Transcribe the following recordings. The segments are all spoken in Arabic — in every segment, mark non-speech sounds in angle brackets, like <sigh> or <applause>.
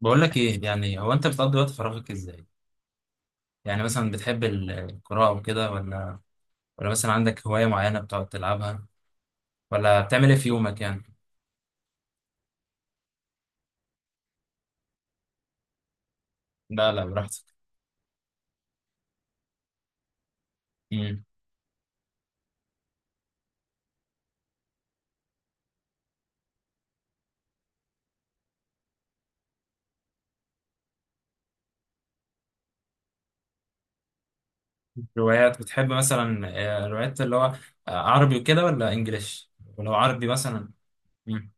بقول لك ايه يعني هو انت بتقضي وقت فراغك ازاي؟ يعني مثلا بتحب القراءة وكده، ولا مثلا عندك هواية معينة بتقعد تلعبها، ولا بتعمل ايه في يومك يعني؟ لا لا، براحتك. امم روايات بتحب مثلا؟ روايات اللي هو، عربي وكده ولا انجليش؟ ولو عربي مثلا؟ مم.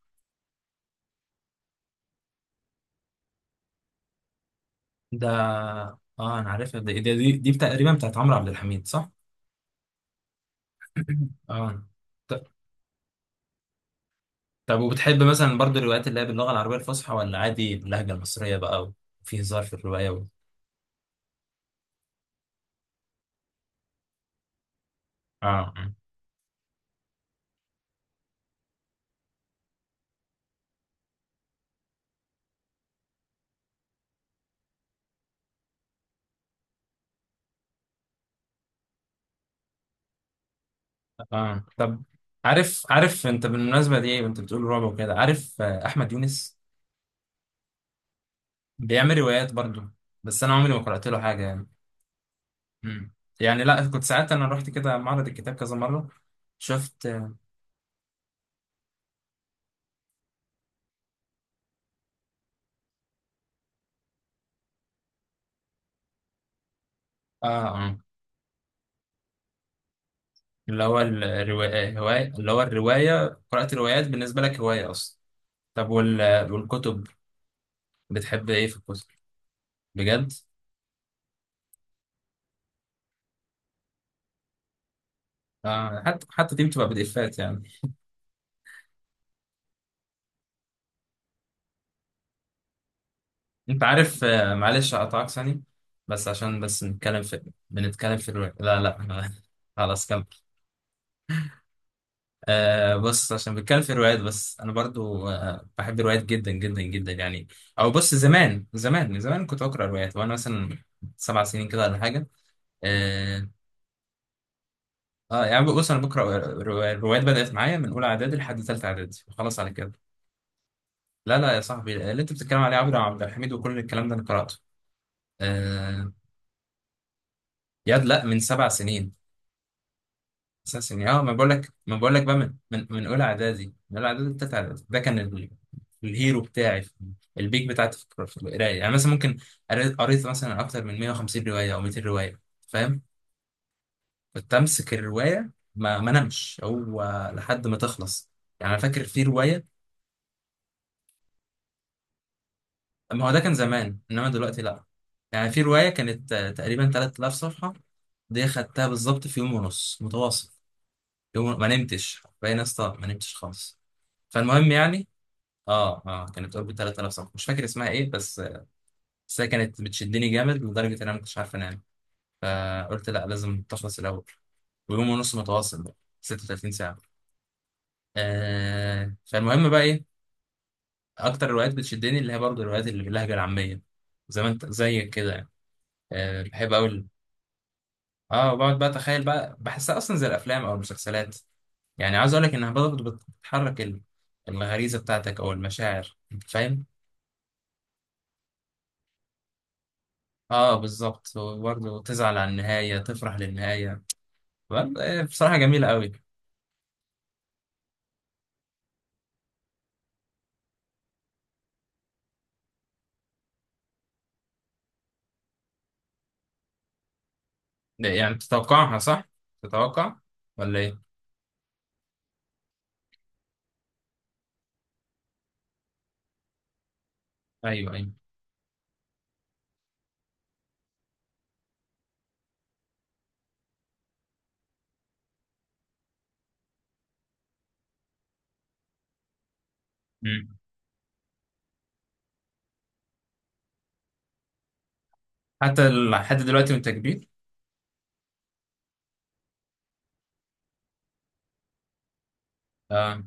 ده اه، انا عارفها، دي تقريبا بتاعت عمرو عبد الحميد، صح؟ <clears throat> اه. ط- طب، وبتحب مثلا برضو الروايات اللي هي باللغة العربية الفصحى ولا عادي باللهجة المصرية بقى؟ وفي هزار في الرواية. اه اه طب، عارف انت بالمناسبه دي، وانت بتقول رعب وكده، عارف، احمد يونس بيعمل روايات برضو. بس انا عمري ما قرات له حاجه يعني. مم. يعني لا، كنت ساعات انا رحت كده معرض الكتاب كذا مره، شفت، اه. اه، اللي هو الروايه هوايه، اللي هو الروايه، قرات روايات بالنسبه لك هوايه اصلا؟ طب، والكتب؟ بتحب ايه في الكتب؟ بجد؟ اه، حتى دي بتبقى بديفات يعني. انت عارف، معلش اقطعك ثانية، بس عشان نتكلم في بنتكلم في الروايات لا لا <laughs> خلاص كمل. آه، بص، عشان بنتكلم في الروايات، بس انا برضو بحب الروايات جدا جدا جدا يعني. او بص، زمان زمان من زمان كنت بقرا روايات، وانا مثلا 7 سنين كده ولا حاجة. اه. يعني بص انا بقرا الروايات، بدأت معايا من اولى اعدادي لحد ثالثه اعدادي وخلاص على كده. لا لا يا صاحبي، اللي انت بتتكلم عليه عبد الحميد وكل الكلام ده انا قرأته. آه. ياد، لا، من 7 سنين اساسا. اه، ما بقول لك بقى، من اولى اعدادي، بتاعت اعدادي، ده كان الهيرو بتاعي في البيك بتاعتي في في القرايه، يعني مثلا ممكن قريت مثلا اكتر من 150 روايه او 200 روايه، فاهم؟ كنت امسك الروايه، ما نمش، هو لحد ما تخلص، يعني. انا فاكر في روايه، ما هو ده كان زمان، انما دلوقتي لا. يعني في روايه كانت، تقريبا 3000 صفحه، دي خدتها بالظبط في يوم ونص متواصل، يوم ما نمتش باين، يا اسطى، ما نمتش خالص. فالمهم يعني، اه كانت اوربت 3000 صفحه، مش فاكر اسمها ايه بس. بس هي كانت بتشدني جامد لدرجه ان انا ما كنتش عارف انام، فقلت لا، لازم تخلص الاول. ويوم ونص متواصل بقى، 36 ساعه. آه، فالمهم بقى ايه؟ اكتر الروايات بتشدني اللي هي برضه الروايات اللي باللهجه العاميه، زي ما انت زي كده يعني. بحب اقول. اه، وبقعد بقى اتخيل بقى، بحسها اصلا زي الافلام او المسلسلات، يعني عايز اقول لك انها برضه بتحرك الغريزه بتاعتك او المشاعر، انت فاهم؟ اه، بالظبط، وبرضه تزعل على النهاية، تفرح للنهاية، برضه، بصراحة جميلة قوي. ده يعني تتوقعها، صح؟ تتوقع ولا ايه؟ ايوه، ايوه. مم. حتى لحد دلوقتي وانت كبير؟ اه.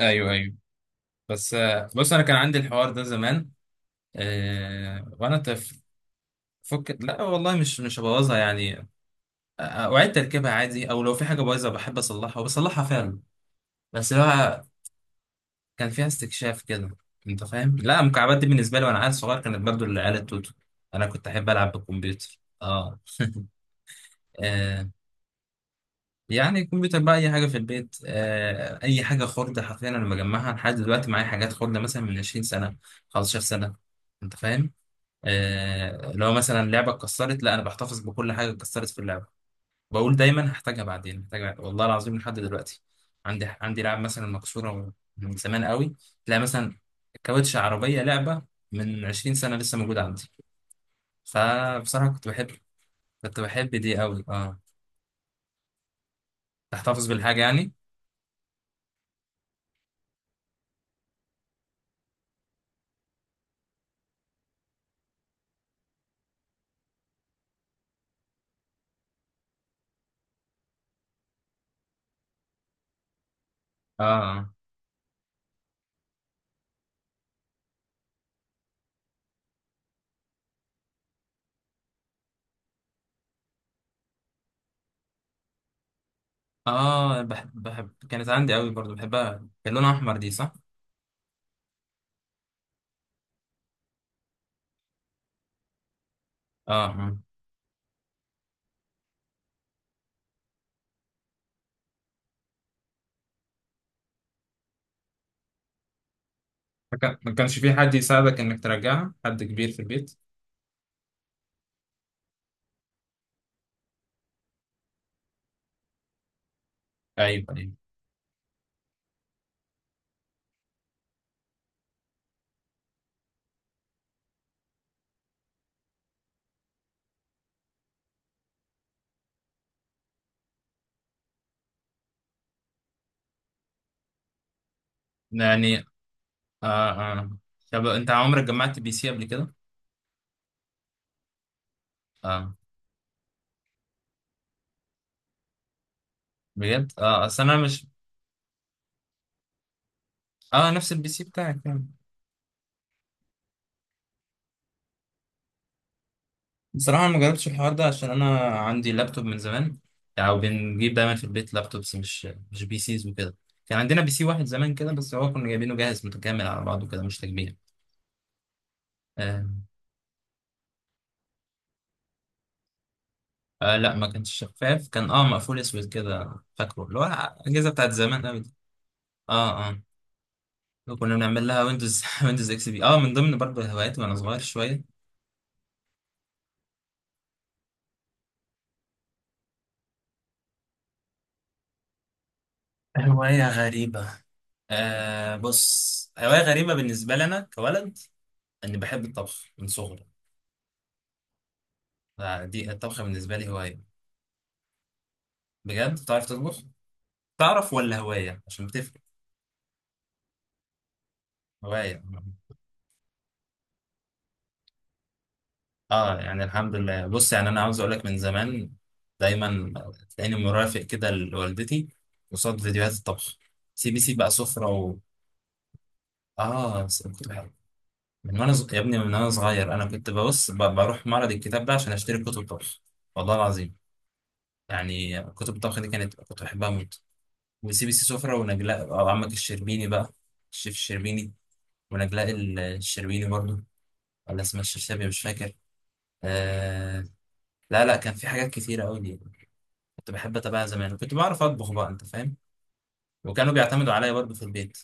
ايوه، ايوه. بس بص، انا كان عندي الحوار ده زمان، وانا طفل. فك، لا والله، مش هبوظها يعني. اعيد تركيبها عادي، او لو في حاجة بايظة بحب اصلحها، وبصلحها فعلا، بس لو كان فيها استكشاف كده. انت فاهم؟ لا، المكعبات دي بالنسبه لي وانا عيل صغير كانت برضو العيال التوتو، انا كنت احب العب بالكمبيوتر، اه, آه. يعني الكمبيوتر بقى اي حاجه في البيت، اي حاجه خرده، حرفيا انا بجمعها لحد دلوقتي، معايا حاجات خرده مثلا من 20 سنه، 15 سنه، انت فاهم؟ لو مثلا لعبه اتكسرت، لا انا بحتفظ بكل حاجه اتكسرت في اللعبه، بقول دايما هحتاجها بعدين، محتاجها بعدين. والله العظيم لحد دلوقتي عندي لعب مثلا مكسوره من زمان قوي، تلاقي مثلا كاوتش عربيه لعبه من 20 سنه لسه موجوده عندي. فبصراحه كنت بحب دي قوي، اه. تحتفظ بالحاجه يعني؟ اه، اه، بحب، كانت عندي قوي برضو بحبها، كان لونها احمر، دي صح؟ اه، آه. ما كانش في حد يساعدك انك ترجعها، حد كبير في البيت؟ ايوه، ايوه يعني. اه، اه. طب انت عمرك جمعت بي سي قبل كده؟ اه. بجد، اه، اصل انا مش. اه، نفس البي سي بتاعك يعني؟ بصراحه أنا ما جربتش الحوار ده، عشان انا عندي لابتوب من زمان، او بنجيب دايما في البيت لابتوبس، مش بي سيز وكده. كان عندنا بي سي واحد زمان كده، بس هو كنا جايبينه جاهز متكامل على بعضه كده، مش تجميع. آه. آه لا، ما كانش شفاف، كان مقفول اسود كده، فاكره اللي هو الاجهزه بتاعت زمان قوي دي. اه، اه. وكنا بنعمل لها ويندوز <laughs> ويندوز اكس بي <laughs> اه، من ضمن برضه هواياتي وانا صغير شويه. هواية غريبة. آه، بص، هواية غريبة بالنسبة لنا كولد، اني بحب الطبخ من صغري. دي، الطبخ بالنسبه لي هوايه. بجد بتعرف تطبخ؟ تعرف ولا هوايه؟ عشان بتفرق. هوايه. اه، يعني الحمد لله، بص يعني انا عاوز اقول لك، من زمان دايما تلاقيني مرافق كده لوالدتي قصاد فيديوهات الطبخ، سي بي سي بقى سفره. اه، كنت بحب من وانا يا ابني، من وانا صغير انا كنت بروح معرض الكتاب ده عشان اشتري كتب طبخ. والله العظيم، يعني كتب الطبخ دي كانت كنت بحبها موت، وسيبي سي سفرة ونجلاء، أو عمك الشربيني بقى، الشيف الشربيني، ونجلاء الشربيني برضو، ولا اسمها الشرشابي مش فاكر. آه. لا لا، كان في حاجات كتيرة أوي دي، كنت بحب أتابعها زمان، وكنت بعرف أطبخ بقى، أنت فاهم؟ وكانوا بيعتمدوا عليا برضو في البيت.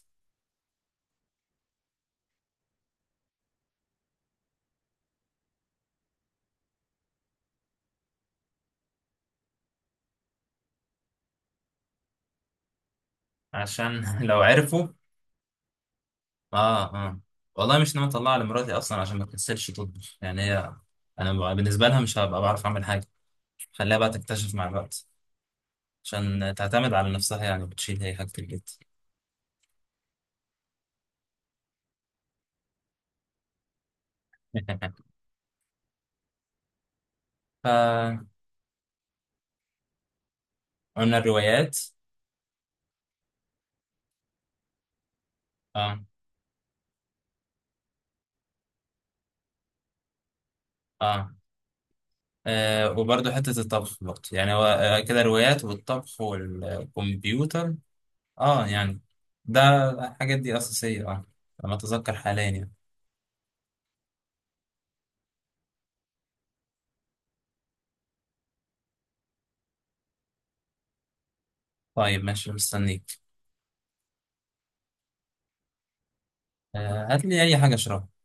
عشان <laughs> لو عرفوا. آه، آه. والله مش ناوي أطلعها لمراتي أصلا، عشان ما تكسلش تطبخ، يعني هي أنا بالنسبة لها مش هبقى بعرف أعمل حاجة، خليها بقى تكتشف مع الوقت، عشان تعتمد على نفسها يعني، وتشيل هي حاجة البيت. <laughs> ف قلنا الروايات. اه اه, وبرضه حتة الطبخ، برضه يعني هو كده، الروايات والطبخ والكمبيوتر. اه يعني، ده الحاجات دي أساسية، اه، لما أتذكر حاليا يعني. طيب ماشي، مستنيك. آه، هات لي أي حاجة أشربها.